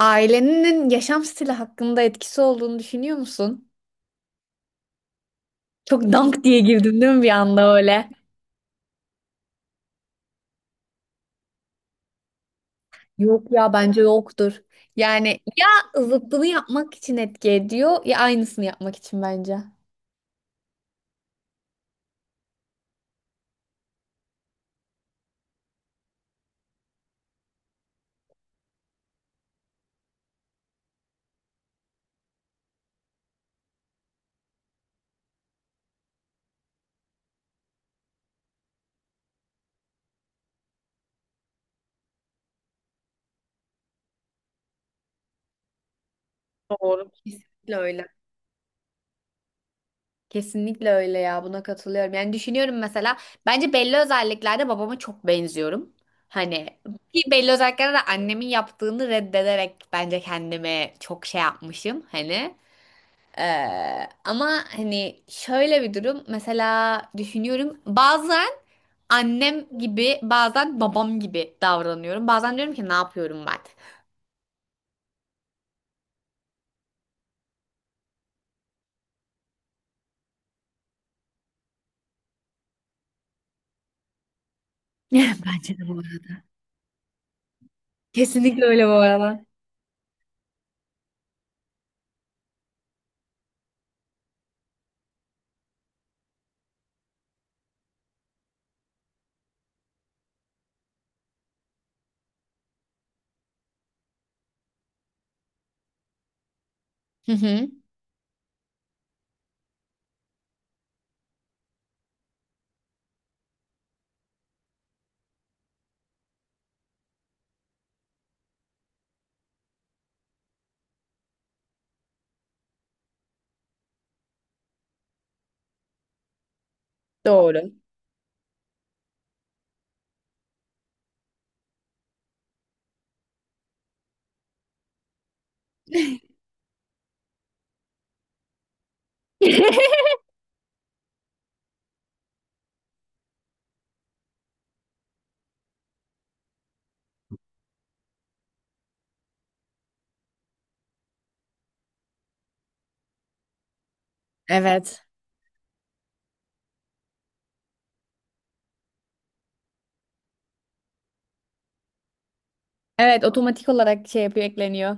Ailenin yaşam stili hakkında etkisi olduğunu düşünüyor musun? Çok dank diye girdim değil mi bir anda öyle? Yok ya bence yoktur. Yani ya zıttını yapmak için etki ediyor ya aynısını yapmak için bence. Doğru. Kesinlikle öyle. Kesinlikle öyle ya buna katılıyorum. Yani düşünüyorum mesela bence belli özelliklerde babama çok benziyorum. Hani ki belli özelliklerde de annemin yaptığını reddederek bence kendime çok şey yapmışım hani. Ama hani şöyle bir durum mesela düşünüyorum bazen annem gibi bazen babam gibi davranıyorum. Bazen diyorum ki ne yapıyorum ben? Bence de bu arada. Kesinlikle öyle bu arada. Hı hı, doğru. Evet. Evet, otomatik olarak şey yapıyor, ekleniyor.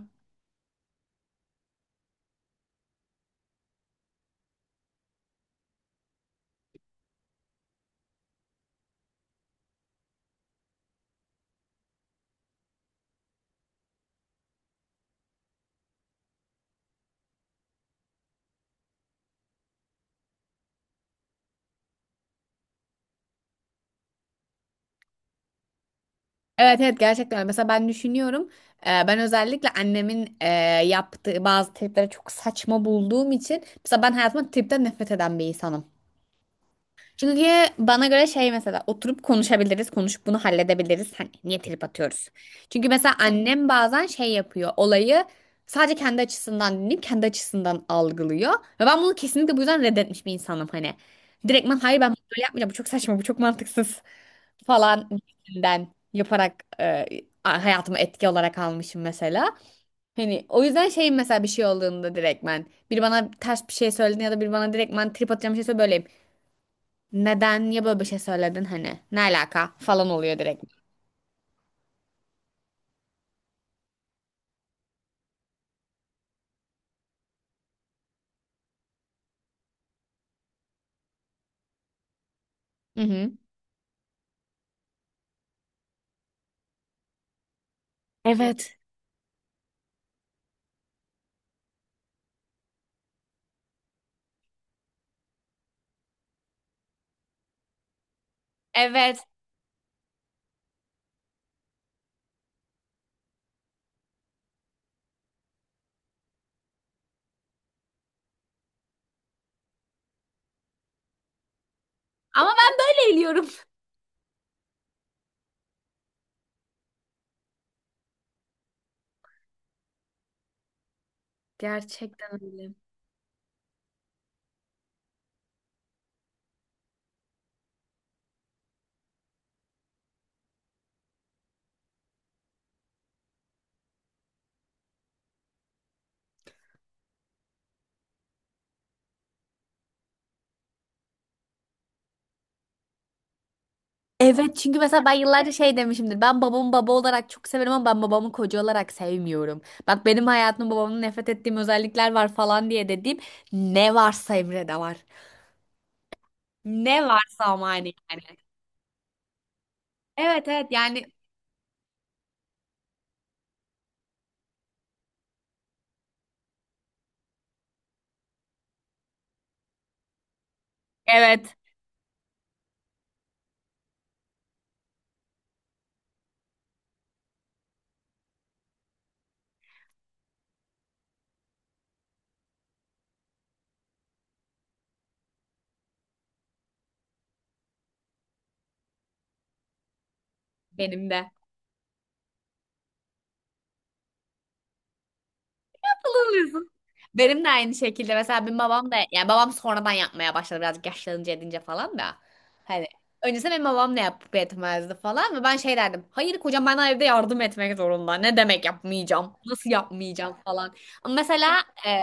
Evet, evet, gerçekten öyle. Mesela ben düşünüyorum, ben özellikle annemin yaptığı bazı triplere çok saçma bulduğum için mesela ben hayatımda tripten nefret eden bir insanım. Çünkü bana göre şey, mesela oturup konuşabiliriz, konuşup bunu halledebiliriz. Hani niye trip atıyoruz? Çünkü mesela annem bazen şey yapıyor, olayı sadece kendi açısından dinleyip kendi açısından algılıyor. Ve ben bunu kesinlikle bu yüzden reddetmiş bir insanım hani. Direktmen hayır, ben bunu böyle yapmayacağım, bu çok saçma, bu çok mantıksız falan gibisinden yaparak e, hayatımı etki olarak almışım mesela. Hani o yüzden şey, mesela bir şey olduğunda direktmen biri bana ters bir şey söylediğinde ya da biri bana direktmen trip atacağım bir şey söyle böyleyim. Neden ya böyle bir şey söyledin hani? Ne alaka falan oluyor direkt. Hı hı. Evet. Evet. Ama ben böyle eğiliyorum. Gerçekten öyle. Evet, çünkü mesela ben yıllarca şey demişimdir. Ben babamı baba olarak çok severim ama ben babamı koca olarak sevmiyorum. Bak, benim hayatımda babamın nefret ettiğim özellikler var falan diye dediğim ne varsa Emre'de var. Ne varsa ama hani yani. Evet, evet yani, evet, benim de. Alıyorsun. Benim de aynı şekilde, mesela benim babam da, yani babam sonradan yapmaya başladı birazcık yaşlanınca edince falan da. Hani öncesinde benim babam ne yapıp etmezdi falan ve ben şey derdim. Hayır, kocam bana evde yardım etmek zorunda. Ne demek yapmayacağım? Nasıl yapmayacağım falan. Ama mesela e,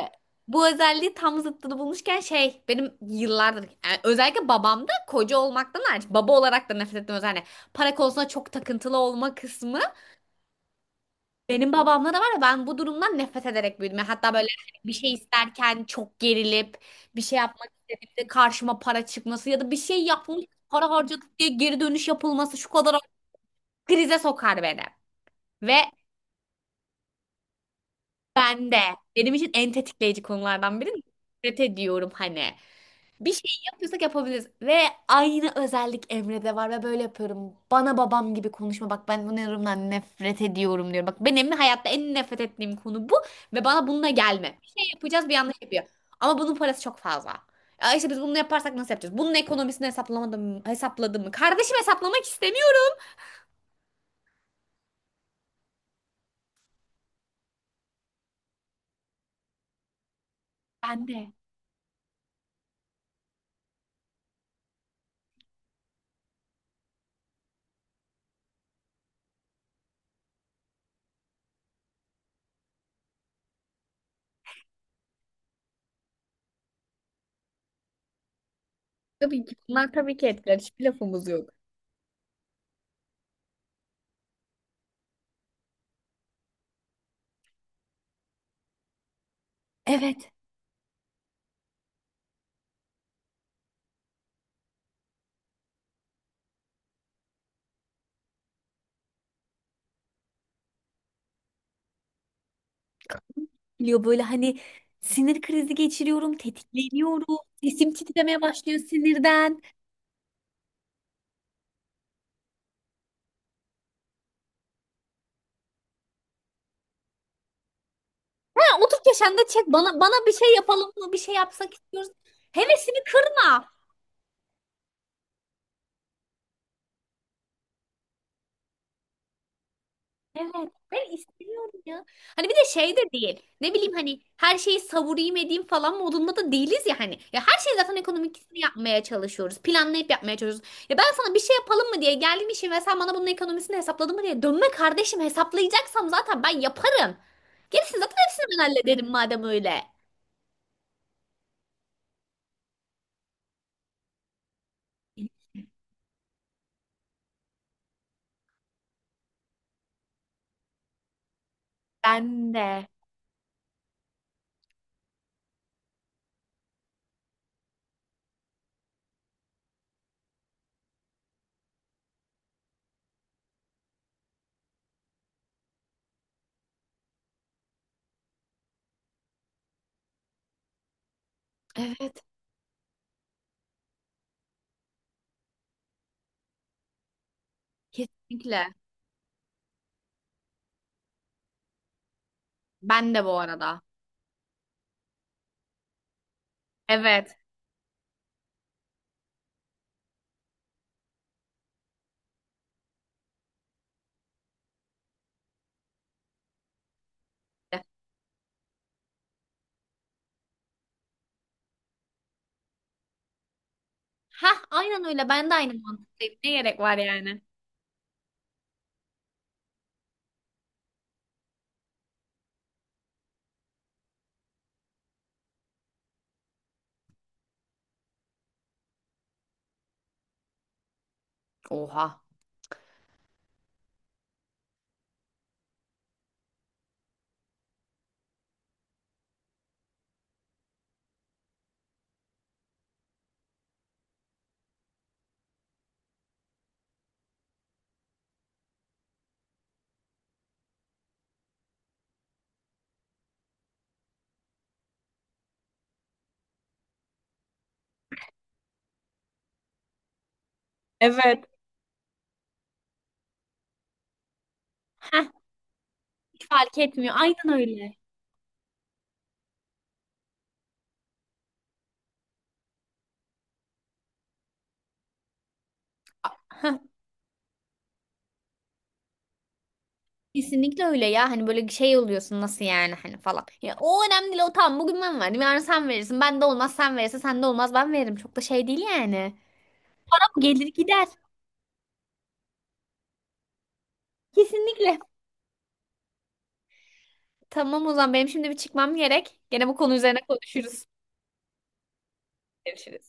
bu özelliği tam zıttını bulmuşken şey, benim yıllardır yani özellikle babamda koca olmaktan hariç baba olarak da nefret ettiğim özelliği, para konusunda çok takıntılı olma kısmı benim babamla da var ya, ben bu durumdan nefret ederek büyüdüm. Yani hatta böyle hani bir şey isterken çok gerilip bir şey yapmak istediğimde karşıma para çıkması ya da bir şey yapmış para harcadık diye geri dönüş yapılması şu kadar krize sokar beni. Ve ben de benim için en tetikleyici konulardan biri, nefret ediyorum hani. Bir şey yapıyorsak yapabiliriz. Ve aynı özellik Emre'de var ve böyle yapıyorum. Bana babam gibi konuşma. Bak, ben bu yorumdan nefret ediyorum diyor. Bak, benim hayatta en nefret ettiğim konu bu. Ve bana bununla gelme. Bir şey yapacağız, bir yanlış yapıyor. Ama bunun parası çok fazla. Ya işte biz bunu yaparsak nasıl yapacağız? Bunun ekonomisini hesaplamadım mı? Hesapladım mı? Kardeşim, hesaplamak istemiyorum. Ben de. Tabii ki. Bunlar tabii ki etkiler. Hiçbir lafımız yok. Evet. Biliyor, böyle hani sinir krizi geçiriyorum, tetikleniyorum, sesim titremeye başlıyor sinirden. Ya 30 yaşında çek bana bir şey yapalım mı? Bir şey yapsak istiyoruz. Hevesini kırma. Evet, ben istiyorum ya. Hani bir de şey de değil. Ne bileyim hani her şeyi savurayım edeyim falan modunda da değiliz ya hani. Ya her şeyi zaten ekonomikisini yapmaya çalışıyoruz. Planlayıp yapmaya çalışıyoruz. Ya ben sana bir şey yapalım mı diye geldim işim ve sen bana bunun ekonomisini hesapladın mı diye. Dönme kardeşim, hesaplayacaksam zaten ben yaparım. Gerisini zaten hepsini ben hallederim madem öyle. Ben de. Evet, kesinlikle. Ben de bu arada. Evet. Hah, aynen öyle. Ben de aynı mantıktayım. Ne gerek var yani? Oha. Evet. Hah, hiç fark etmiyor. Aynen öyle. Heh, kesinlikle öyle ya. Hani böyle şey oluyorsun, nasıl yani hani falan. Ya o önemli değil. O tamam, bugün ben verdim. Yarın sen verirsin. Ben de olmaz sen verirsin. Sen de olmaz ben veririm. Çok da şey değil yani. Param gelir gider. Kesinlikle. Tamam, o zaman benim şimdi bir çıkmam gerek. Gene bu konu üzerine konuşuruz. Görüşürüz.